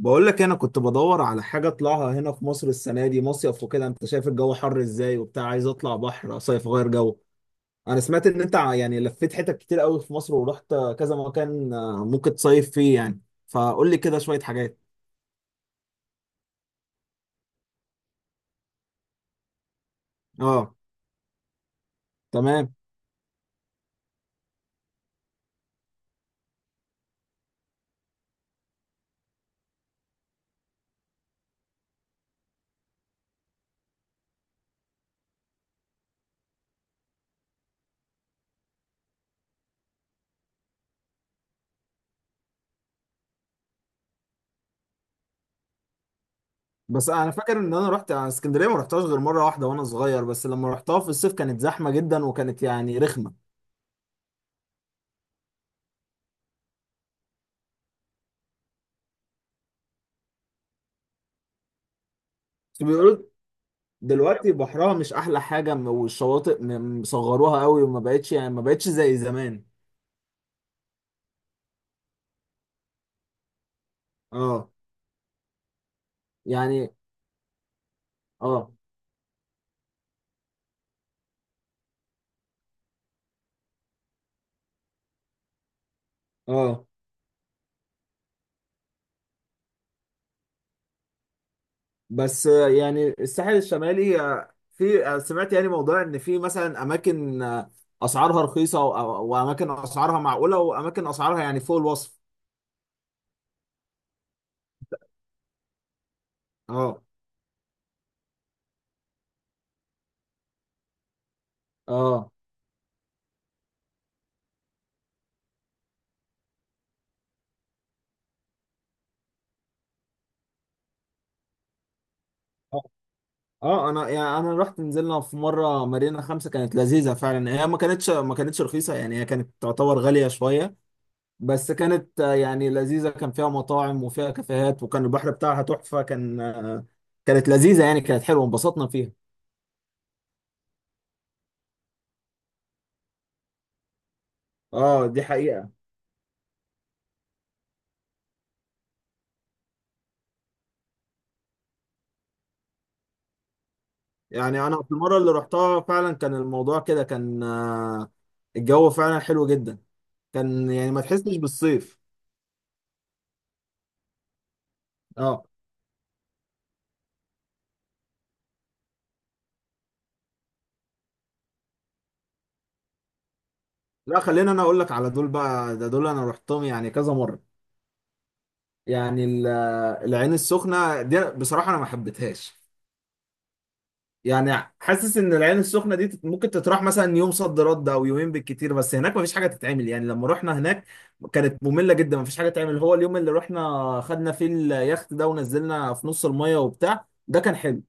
بقول لك انا كنت بدور على حاجه اطلعها هنا في مصر السنه دي مصيف وكده، انت شايف الجو حر ازاي وبتاع، عايز اطلع بحر صيف غير جو. انا سمعت ان انت لفيت حتت كتير قوي في مصر ورحت كذا مكان، ممكن تصيف فيه يعني. فقول لي كده شويه حاجات. اه، تمام. بس انا فاكر ان انا رحت اسكندريه، ما رحتهاش غير مره واحده وانا صغير، بس لما رحتها في الصيف كانت زحمه جدا وكانت يعني رخمه. بس بيقولوا دلوقتي بحرها مش احلى حاجه، والشواطئ مصغروها قوي وما بقتش يعني ما بقتش زي زمان. اه، يعني اه. اه، بس يعني الساحل الشمالي، في، سمعت يعني موضوع ان في مثلا اماكن، اسعارها رخيصه واماكن اسعارها معقوله واماكن اسعارها يعني فوق الوصف. اه، اه. اه، انا يعني انا رحت، نزلنا في مره مارينا خمسة، كانت لذيذه فعلا. هي ما كانتش رخيصه يعني، هي كانت تعتبر غاليه شويه، بس كانت يعني لذيذه. كان فيها مطاعم وفيها كافيهات وكان البحر بتاعها تحفه، كان كانت لذيذه يعني، كانت حلوه، انبسطنا فيها. اه، دي حقيقة. يعني انا في المرة اللي رحتها فعلا كان الموضوع كده، كان الجو فعلا حلو جدا، كان يعني ما تحسش بالصيف. اه، لا خلينا انا اقول لك على دول بقى، ده دول انا رحتهم يعني كذا مرة. يعني العين السخنة دي بصراحة انا ما حبيتهاش. يعني حاسس ان العين السخنه دي ممكن تتراح مثلا يوم صد رد او يومين بالكتير، بس هناك مفيش حاجه تتعمل. يعني لما رحنا هناك كانت ممله جدا، مفيش حاجه تتعمل. هو اليوم اللي رحنا خدنا فيه اليخت ده ونزلنا في نص الميه وبتاع، ده كان حلو.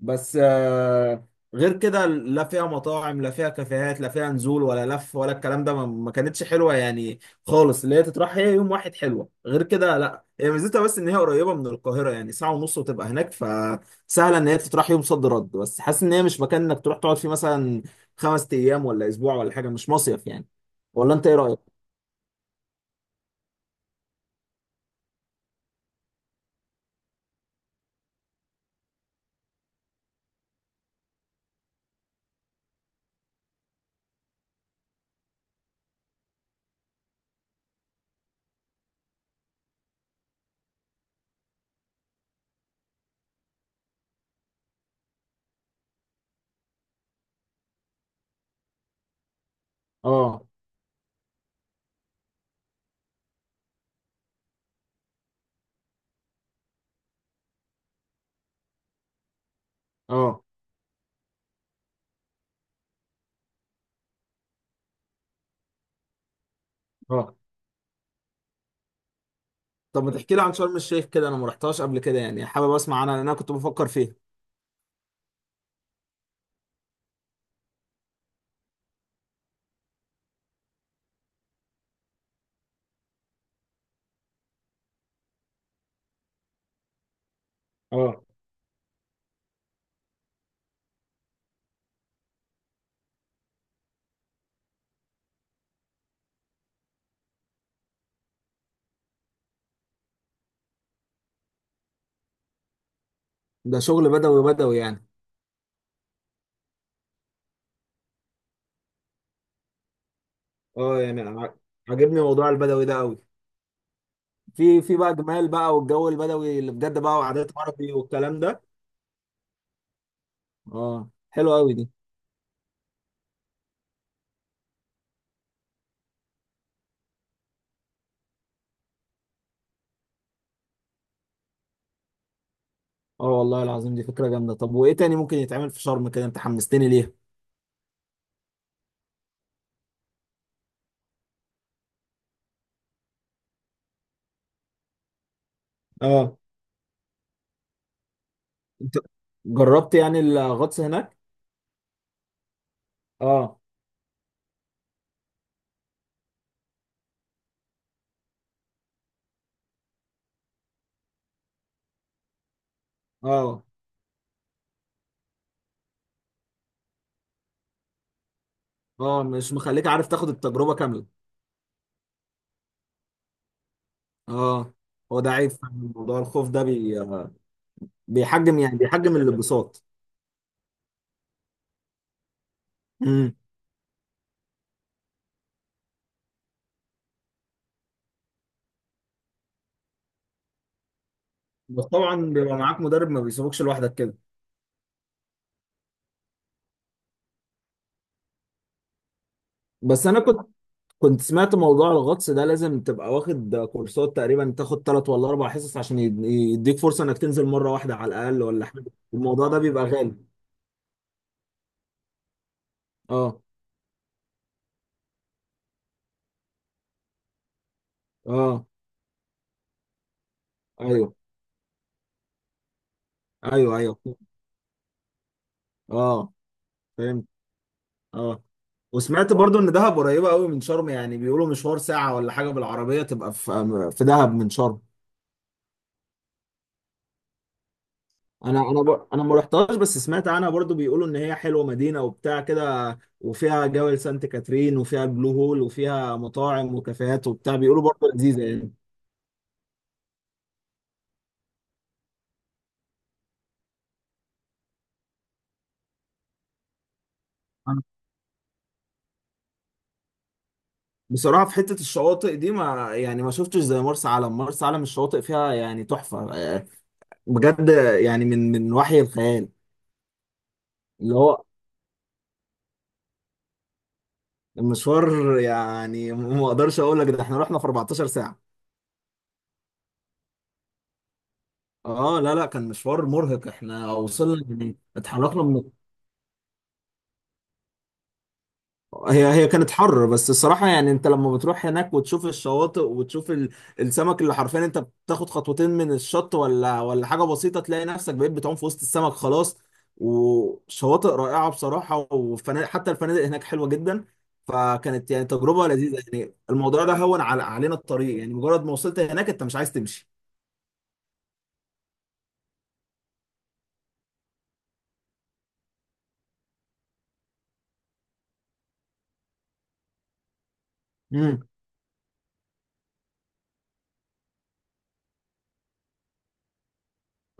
بس غير كده لا فيها مطاعم لا فيها كافيهات لا فيها نزول ولا لف ولا الكلام ده، ما كانتش حلوه يعني خالص. اللي هي تتراح هي يوم واحد حلوه، غير كده لا. هي ميزتها بس ان هي قريبه من القاهره، يعني ساعه ونص وتبقى هناك، فسهله ان هي تتراح يوم صد رد، بس حاسس ان هي مش مكان انك تروح تقعد فيه مثلا خمس ايام ولا اسبوع ولا حاجه، مش مصيف يعني. ولا انت ايه رايك؟ اه، اه، اه. طب ما تحكي لي عن شرم الشيخ كده، انا ما رحتهاش قبل كده، يعني حابب اسمع عنها لان انا كنت بفكر فيها. اه، ده شغل بدوي بدوي يعني. اه، يعني عاجبني موضوع البدوي ده قوي. في في بقى جمال بقى، والجو البدوي اللي بجد بقى، وعادات عربي والكلام ده. اه، حلو قوي دي. اه، والله العظيم دي فكرة جامدة. طب وايه تاني ممكن يتعمل في شرم كده؟ انت حمستني ليها. اه، انت جربت يعني الغطس هناك؟ اه، اه. اه، مش مخليك عارف تاخد التجربة كاملة. اه، هو ده عيب في موضوع الخوف ده بيحجم الانبساط. امم بس طبعا بيبقى معاك مدرب، ما بيسيبوكش لوحدك كده. بس انا كنت سمعت موضوع الغطس ده، لازم تبقى واخد كورسات تقريبا، تاخد ثلاث ولا اربع حصص عشان يديك فرصة انك تنزل مرة واحدة على الاقل ولا حاجة. الموضوع ده بيبقى غالي. اه، اه. ايوه ايوه ايوه. اه، فهمت. اه، وسمعت برضو ان دهب قريبة قوي من شرم، يعني بيقولوا مشوار ساعة ولا حاجة بالعربية تبقى في دهب من شرم. انا ما رحتهاش، بس سمعت عنها برضو، بيقولوا ان هي حلوه مدينه وبتاع كده، وفيها جبل سانت كاترين وفيها البلو هول وفيها مطاعم وكافيهات وبتاع، بيقولوا برضو لذيذه يعني. أنا بصراحه في حته الشواطئ دي، ما يعني ما شفتش زي مرسى علم. مرسى علم الشواطئ فيها يعني تحفه، بجد، يعني من وحي الخيال. اللي هو المشوار يعني ما اقدرش اقول لك، ده احنا رحنا في 14 ساعه. اه، لا كان مشوار مرهق، احنا وصلنا يعني اتحركنا من. هي كانت حر، بس الصراحة يعني انت لما بتروح هناك وتشوف الشواطئ وتشوف السمك، اللي حرفيا انت بتاخد خطوتين من الشط ولا حاجة بسيطة تلاقي نفسك بقيت بتعوم في وسط السمك، خلاص. وشواطئ رائعة بصراحة، وفنادق، حتى الفنادق هناك حلوة جدا. فكانت يعني تجربة لذيذة، يعني الموضوع ده علينا الطريق، يعني مجرد ما وصلت هناك انت مش عايز تمشي. امم.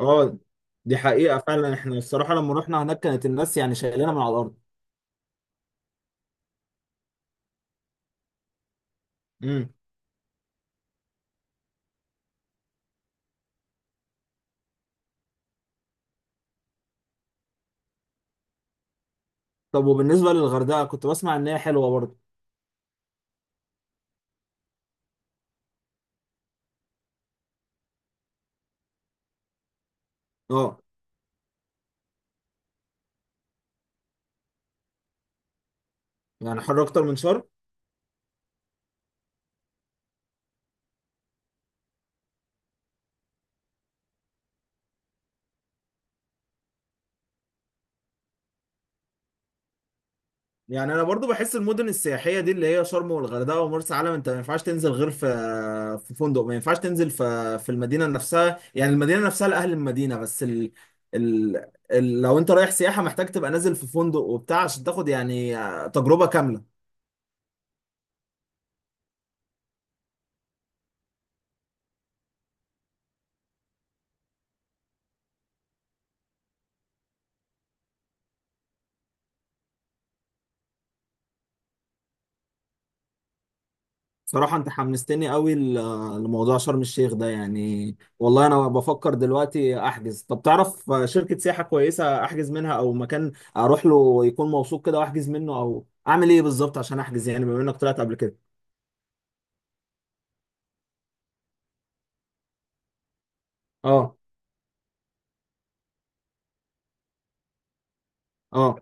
اه، دي حقيقة. فعلا احنا الصراحة لما رحنا هناك كانت الناس يعني شايلانا من على الأرض. امم. طب وبالنسبة للغردقة، كنت بسمع إن هي حلوة برضه. اه، يعني حر اكتر من شرم؟ يعني انا برضو بحس المدن السياحيه دي اللي هي شرم والغردقه ومرسى علم، انت ما ينفعش تنزل غير في فندق. ما ينفعش تنزل في المدينه نفسها، يعني المدينه نفسها لاهل المدينه، بس ال... لو انت رايح سياحه محتاج تبقى نازل في فندق وبتاع عشان تاخد يعني تجربه كامله. صراحة انت حمستني قوي لموضوع شرم الشيخ ده، يعني والله انا بفكر دلوقتي احجز. طب تعرف شركة سياحة كويسة احجز منها، او مكان اروح له يكون موثوق كده واحجز منه، او اعمل ايه بالظبط عشان احجز يعني، بما انك طلعت قبل كده. اه، اه،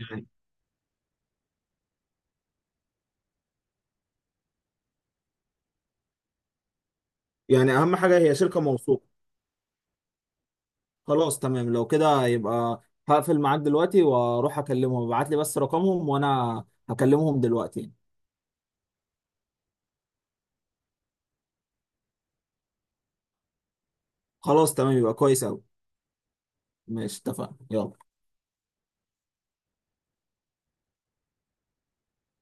يعني يعني اهم حاجة هي شركة موثوقة. خلاص تمام، لو كده يبقى هقفل معاك دلوقتي واروح اكلمهم. ابعت لي بس رقمهم وانا هكلمهم دلوقتي. خلاص تمام، يبقى كويس قوي. ماشي، اتفقنا، يلا.